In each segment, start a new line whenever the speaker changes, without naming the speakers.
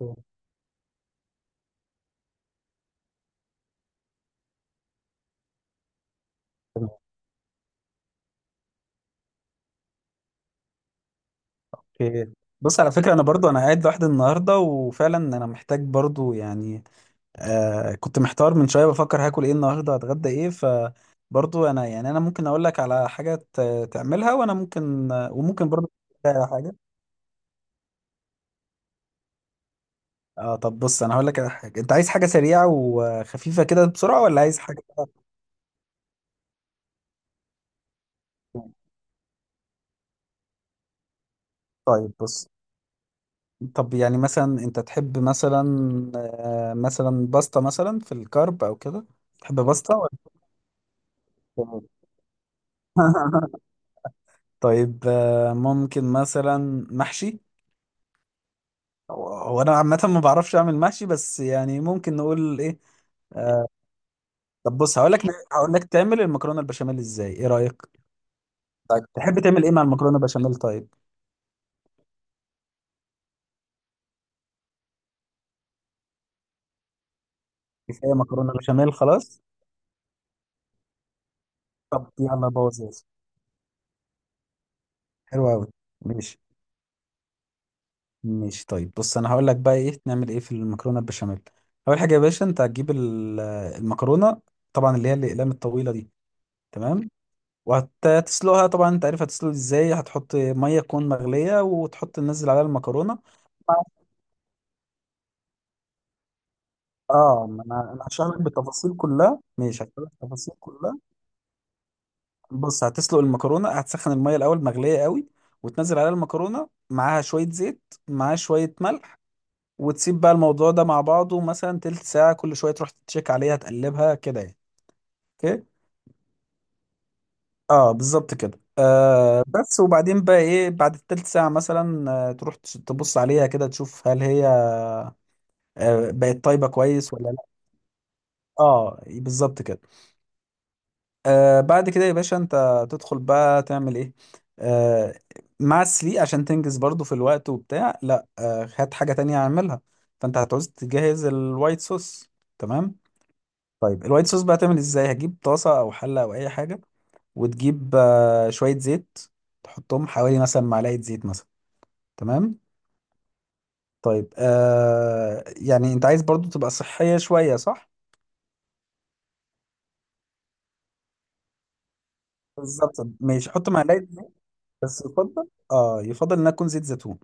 اوكي. بص، على فكرة أنا برضو أنا قاعد لوحدي النهاردة وفعلا أنا محتاج برضو يعني. كنت محتار من شوية بفكر هاكل إيه النهاردة، هتغدى إيه؟ فبرضو أنا يعني أنا ممكن أقول لك على حاجة تعملها، وأنا ممكن وممكن برضو تقول لي على حاجة. طب بص، أنا هقول لك على حاجة. أنت عايز حاجة سريعة وخفيفة كده بسرعة، ولا عايز حاجة طيب بص. طب يعني مثلا أنت تحب مثلا مثلا باستا، مثلا في الكارب أو كده؟ تحب باستا ولا طيب ممكن مثلا محشي. هو انا عامه ما بعرفش اعمل محشي، بس يعني ممكن نقول ايه. طب بص، هقول لك تعمل المكرونه البشاميل ازاي، ايه رايك؟ طيب تحب تعمل ايه مع المكرونه البشاميل؟ طيب كفايه مكرونه بشاميل خلاص. طب يلا بوظ يا سيدي. حلو قوي. ماشي. ماشي. طيب بص انا هقول لك بقى ايه نعمل ايه في المكرونه البشاميل. اول حاجه يا باشا انت هتجيب المكرونه، طبعا اللي هي الاقلام الطويله دي. تمام. وهتسلقها طبعا، انت عارف هتسلق ازاي، هتحط ميه تكون مغليه وتحط تنزل عليها المكرونه. اه ما انا انا هشرح لك بالتفاصيل كلها، ماشي، هشرح لك التفاصيل كلها. بص، هتسلق المكرونه، هتسخن الميه الاول مغليه قوي، وتنزل عليها المكرونه معاها شويه زيت، معاها شويه ملح. وتسيب بقى الموضوع ده مع بعضه مثلا تلت ساعه، كل شويه تروح تتشيك عليها تقلبها كده يعني. اوكي. اه بالظبط كده. بس وبعدين بقى ايه بعد التلت ساعه مثلا تروح تبص عليها كده تشوف هل هي بقت طيبة كويس ولا لا. اه بالظبط كده. بعد كده يا باشا انت تدخل بقى تعمل ايه آه مع السليق عشان تنجز برضو في الوقت وبتاع. لا هات حاجة تانية اعملها. فانت هتعوز تجهز الوايت صوص. تمام. طيب الوايت صوص بقى تعمل ازاي، هتجيب طاسة او حلة او اي حاجة، وتجيب شوية زيت، تحطهم حوالي مثلا معلقة زيت مثلا. تمام. طيب يعني انت عايز برضو تبقى صحية شوية، صح؟ بالظبط ماشي، حط معلقة، بس يفضل اه يفضل انها تكون زيت زيتون.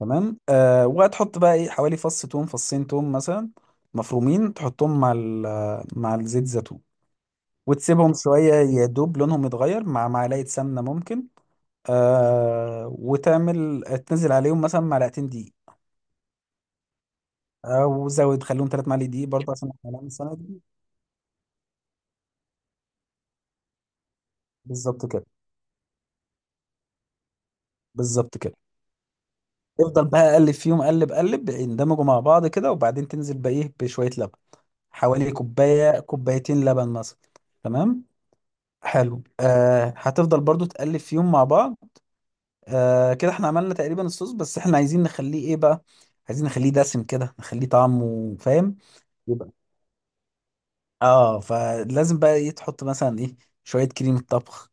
تمام. وهتحط بقى ايه حوالي فص توم، فصين توم مثلا، مفرومين، تحطهم مع مع الزيت زيتون، وتسيبهم شوية يا دوب لونهم يتغير، مع معلقة سمنة ممكن. وتعمل تنزل عليهم مثلا معلقتين دقيق، او زود خليهم ثلاث معالق دقيق برضه عشان احنا هنعمل سمنة دي. بالظبط كده. بالظبط كده، افضل بقى قلب فيهم، قلب قلب يندمجوا مع بعض كده، وبعدين تنزل بقى ايه بشوية لبن، حوالي كوباية كوبايتين لبن مثلا. تمام. حلو. هتفضل برضو تقلب فيهم مع بعض. كده احنا عملنا تقريبا الصوص، بس احنا عايزين نخليه ايه بقى، عايزين نخليه دسم كده نخليه طعمه فاهم. يبقى اه فلازم بقى ايه تحط مثلا ايه شوية كريمة طبخ،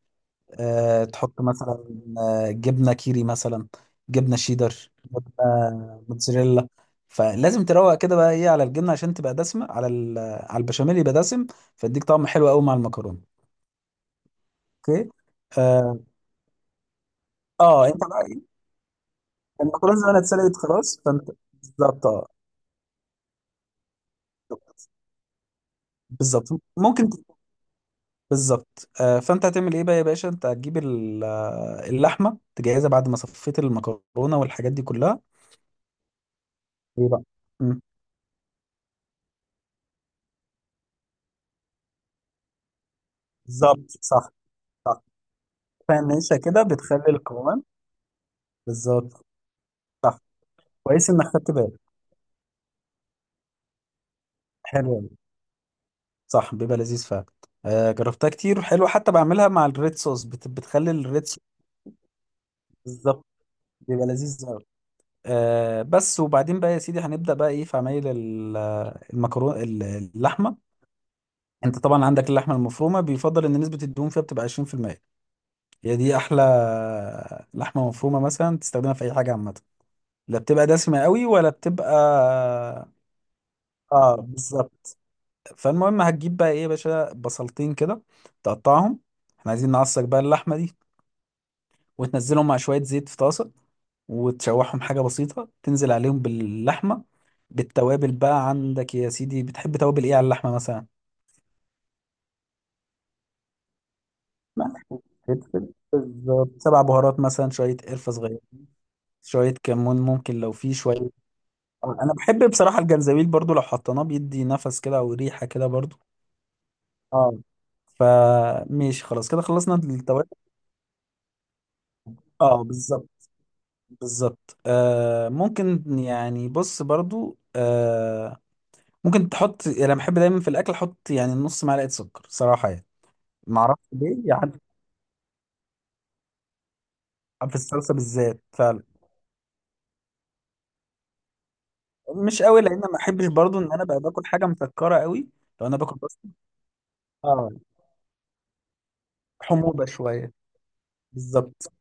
تحط مثلا جبنه كيري مثلا، جبنه شيدر، جبنه موتزاريلا. فلازم تروق كده بقى ايه على الجبنه عشان تبقى دسمه على على البشاميل يبقى دسم، فيديك طعم حلو قوي مع المكرونه. اوكي. اه, انت بقى ايه، المكرونه زي ما انا اتسلقت خلاص فانت. بالظبط بالظبط. ممكن ت- بالظبط. فانت هتعمل ايه بقى يا باشا، انت هتجيب اللحمه تجهزها بعد ما صفيت المكرونه والحاجات دي كلها. ايه بقى. مم. بالظبط صح. فنشة كده بتخلي القوام. بالظبط صح. كويس انك خدت بالك. حلو أوي. صح بيبقى لذيذ فعلا. جربتها كتير وحلو، حتى بعملها مع الريد صوص، بتخلي الريد صوص. بالظبط. بيبقى لذيذ قوي. بس وبعدين بقى يا سيدي هنبدأ بقى ايه في عمايل المكرونة. اللحمة. انت طبعا عندك اللحمة المفرومة، بيفضل ان نسبة الدهون فيها بتبقى 20%، هي دي احلى. لحمة مفرومة مثلا تستخدمها في اي حاجة عامة، لا بتبقى دسمة قوي ولا بتبقى. اه بالظبط. فالمهم هتجيب بقى ايه يا باشا بصلتين كده، تقطعهم. احنا عايزين نعصر بقى اللحمه دي، وتنزلهم مع شويه زيت في طاسه، وتشوحهم حاجه بسيطه، تنزل عليهم باللحمه، بالتوابل. بقى عندك يا سيدي بتحب توابل ايه على اللحمه مثلا؟ ملح، فلفل، بالظبط سبع بهارات مثلا، شويه قرفه صغيره، شويه كمون ممكن لو في شويه. انا بحب بصراحه الجنزبيل برضو لو حطيناه، بيدي نفس كده او ريحه كده برضو. اه فماشي خلاص كده خلصنا التوابل. اه بالظبط. بالظبط ممكن يعني بص برضو ممكن تحط، يعني انا بحب دايما في الاكل احط يعني نص معلقه سكر صراحه يعني. ما اعرفش ليه يعني. في الصلصه بالذات فعلا. مش قوي، لان ما احبش برضو ان انا بقى باكل حاجه مسكره قوي، لو انا باكل بس. اه. حموضه شويه، بالظبط.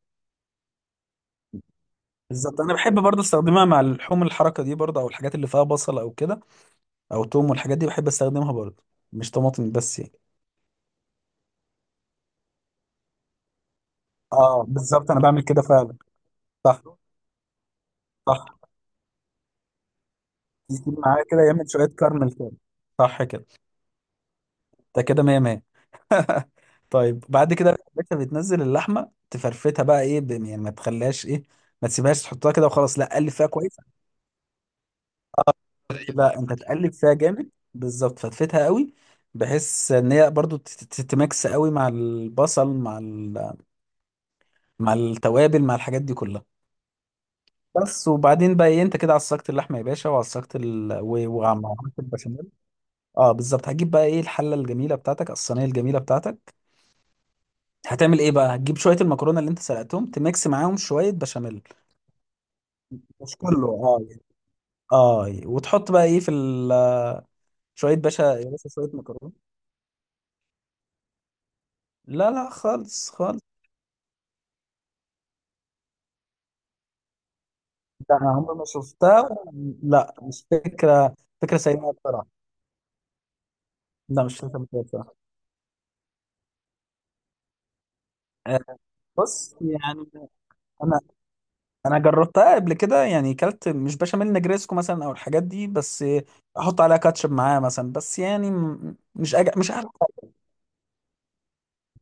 بالظبط انا بحب برضو استخدمها مع اللحوم الحركه دي برضو، او الحاجات اللي فيها بصل او كده، او توم والحاجات دي بحب استخدمها برضو، مش طماطم بس يعني. اه بالظبط انا بعمل كده فعلا. صح. صح. يجيب معاه كده، يعمل شوية كارمل كده. صح كده. ده كده مية مية. طيب بعد كده انت بتنزل اللحمة تفرفتها بقى ايه يعني ما تخليهاش ايه، ما تسيبهاش تحطها كده وخلاص، لا قلب فيها كويس. لا انت تقلب فيها جامد، بالظبط فتفتها قوي، بحيث ان هي برضو تتمكس قوي مع البصل مع مع التوابل مع الحاجات دي كلها. بس وبعدين بقى ايه، انت كده عصقت اللحمه يا باشا، وعصقت وعملت البشاميل. اه بالظبط. هتجيب بقى ايه الحله الجميله بتاعتك، الصينيه الجميله بتاعتك. هتعمل ايه بقى، هتجيب شويه المكرونه اللي انت سلقتهم تميكس معاهم شويه بشاميل، مش كله اه يعني. اه يعني. وتحط بقى ايه في شويه باشا، يا باشا شويه مكرونه. لا لا خالص خالص. ده انا عمري ما شفتها. لا مش فكره. فكره سيئه بصراحه. لا مش فكره سيئه بصراحه. آه، بص يعني، انا جربتها قبل كده، يعني كلت مش بشاميل نجريسكو مثلا او الحاجات دي، بس احط عليها كاتشب معاها مثلا، بس يعني مش عارف.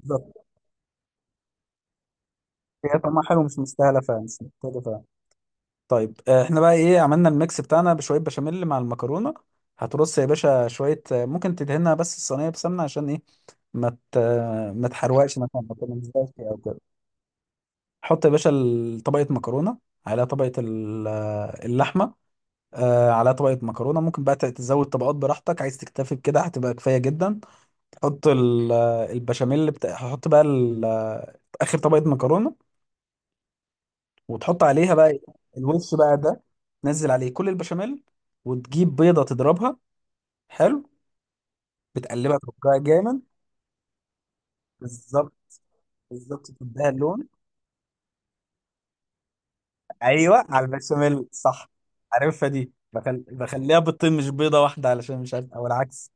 بالظبط. هي طعمها حلو، مش مستاهله فعلا، مش محتاجه فعلا. طيب احنا بقى ايه عملنا الميكس بتاعنا بشويه بشاميل مع المكرونه. هترص يا باشا شويه ممكن تدهنها بس الصينيه بسمنه عشان ايه ما ت- ما تحرقش مثلا، ما تلزقش او كده. حط يا باشا طبقه مكرونه على طبقه اللحمه، على طبقه مكرونه، ممكن بقى تزود طبقات براحتك، عايز تكتفي بكده هتبقى كفايه جدا. حط البشاميل هحط بقى اخر طبقه مكرونه، وتحط عليها بقى الوش بقى ده، تنزل عليه كل البشاميل، وتجيب بيضة تضربها. حلو. بتقلبها ترجعها جامد. بالظبط. بالظبط تديها اللون. ايوه على البشاميل صح. عارفها دي بخليها بيضتين مش بيضة واحدة، علشان مش عارف او العكس.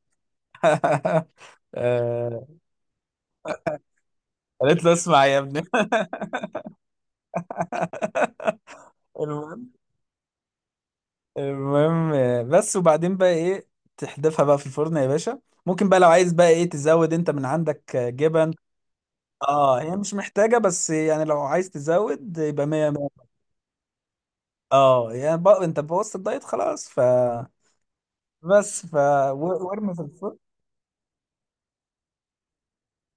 آه، قالت له اسمع يا ابني. المهم المهم بس وبعدين بقى ايه تحدفها بقى في الفرن يا باشا. ممكن بقى لو عايز بقى ايه تزود انت من عندك جبن. اه هي مش محتاجة، بس يعني لو عايز تزود يبقى 100 100. اه يعني بقى انت بوظت الدايت خلاص، بس وارمي في الفرن.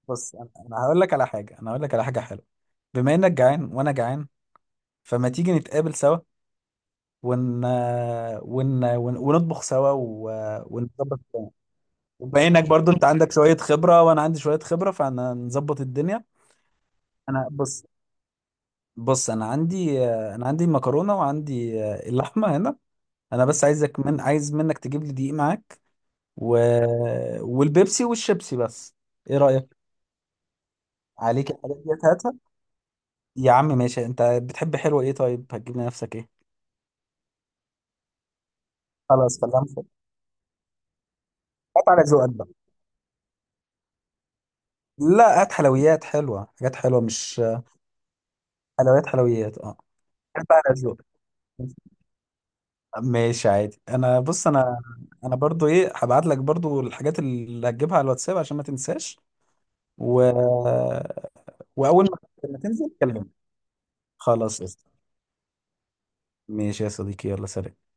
بص، انا هقول لك على حاجة، حلوة بما انك جعان وانا جعان، فما تيجي نتقابل سوا ون... ونطبخ سوا ونظبط الدنيا. وبما انك برضو انت عندك شوية خبرة وانا عندي شوية خبرة، فهنظبط الدنيا. انا بص انا عندي المكرونة وعندي اللحمة هنا. انا بس عايزك، عايز منك تجيب لي دقيق معاك، و... والبيبسي والشيبسي بس. ايه رأيك؟ عليك الحاجات دي هاتها. يا عم ماشي، انت بتحب حلوة ايه؟ طيب هتجيب لنفسك ايه؟ خلاص خلينا نفكر. هات على ذوقك بقى. لا، هات حلويات حلوة، حاجات حلوة مش، حلويات حلويات اه. هات بقى على ذوقك. ماشي عادي. انا بص، انا برضو ايه هبعت لك برضو الحاجات اللي هتجيبها على الواتساب عشان ما تنساش. و... واول ما تنزل كلمني. خلاص قشطة. ماشي يا صديقي، يلا سلام.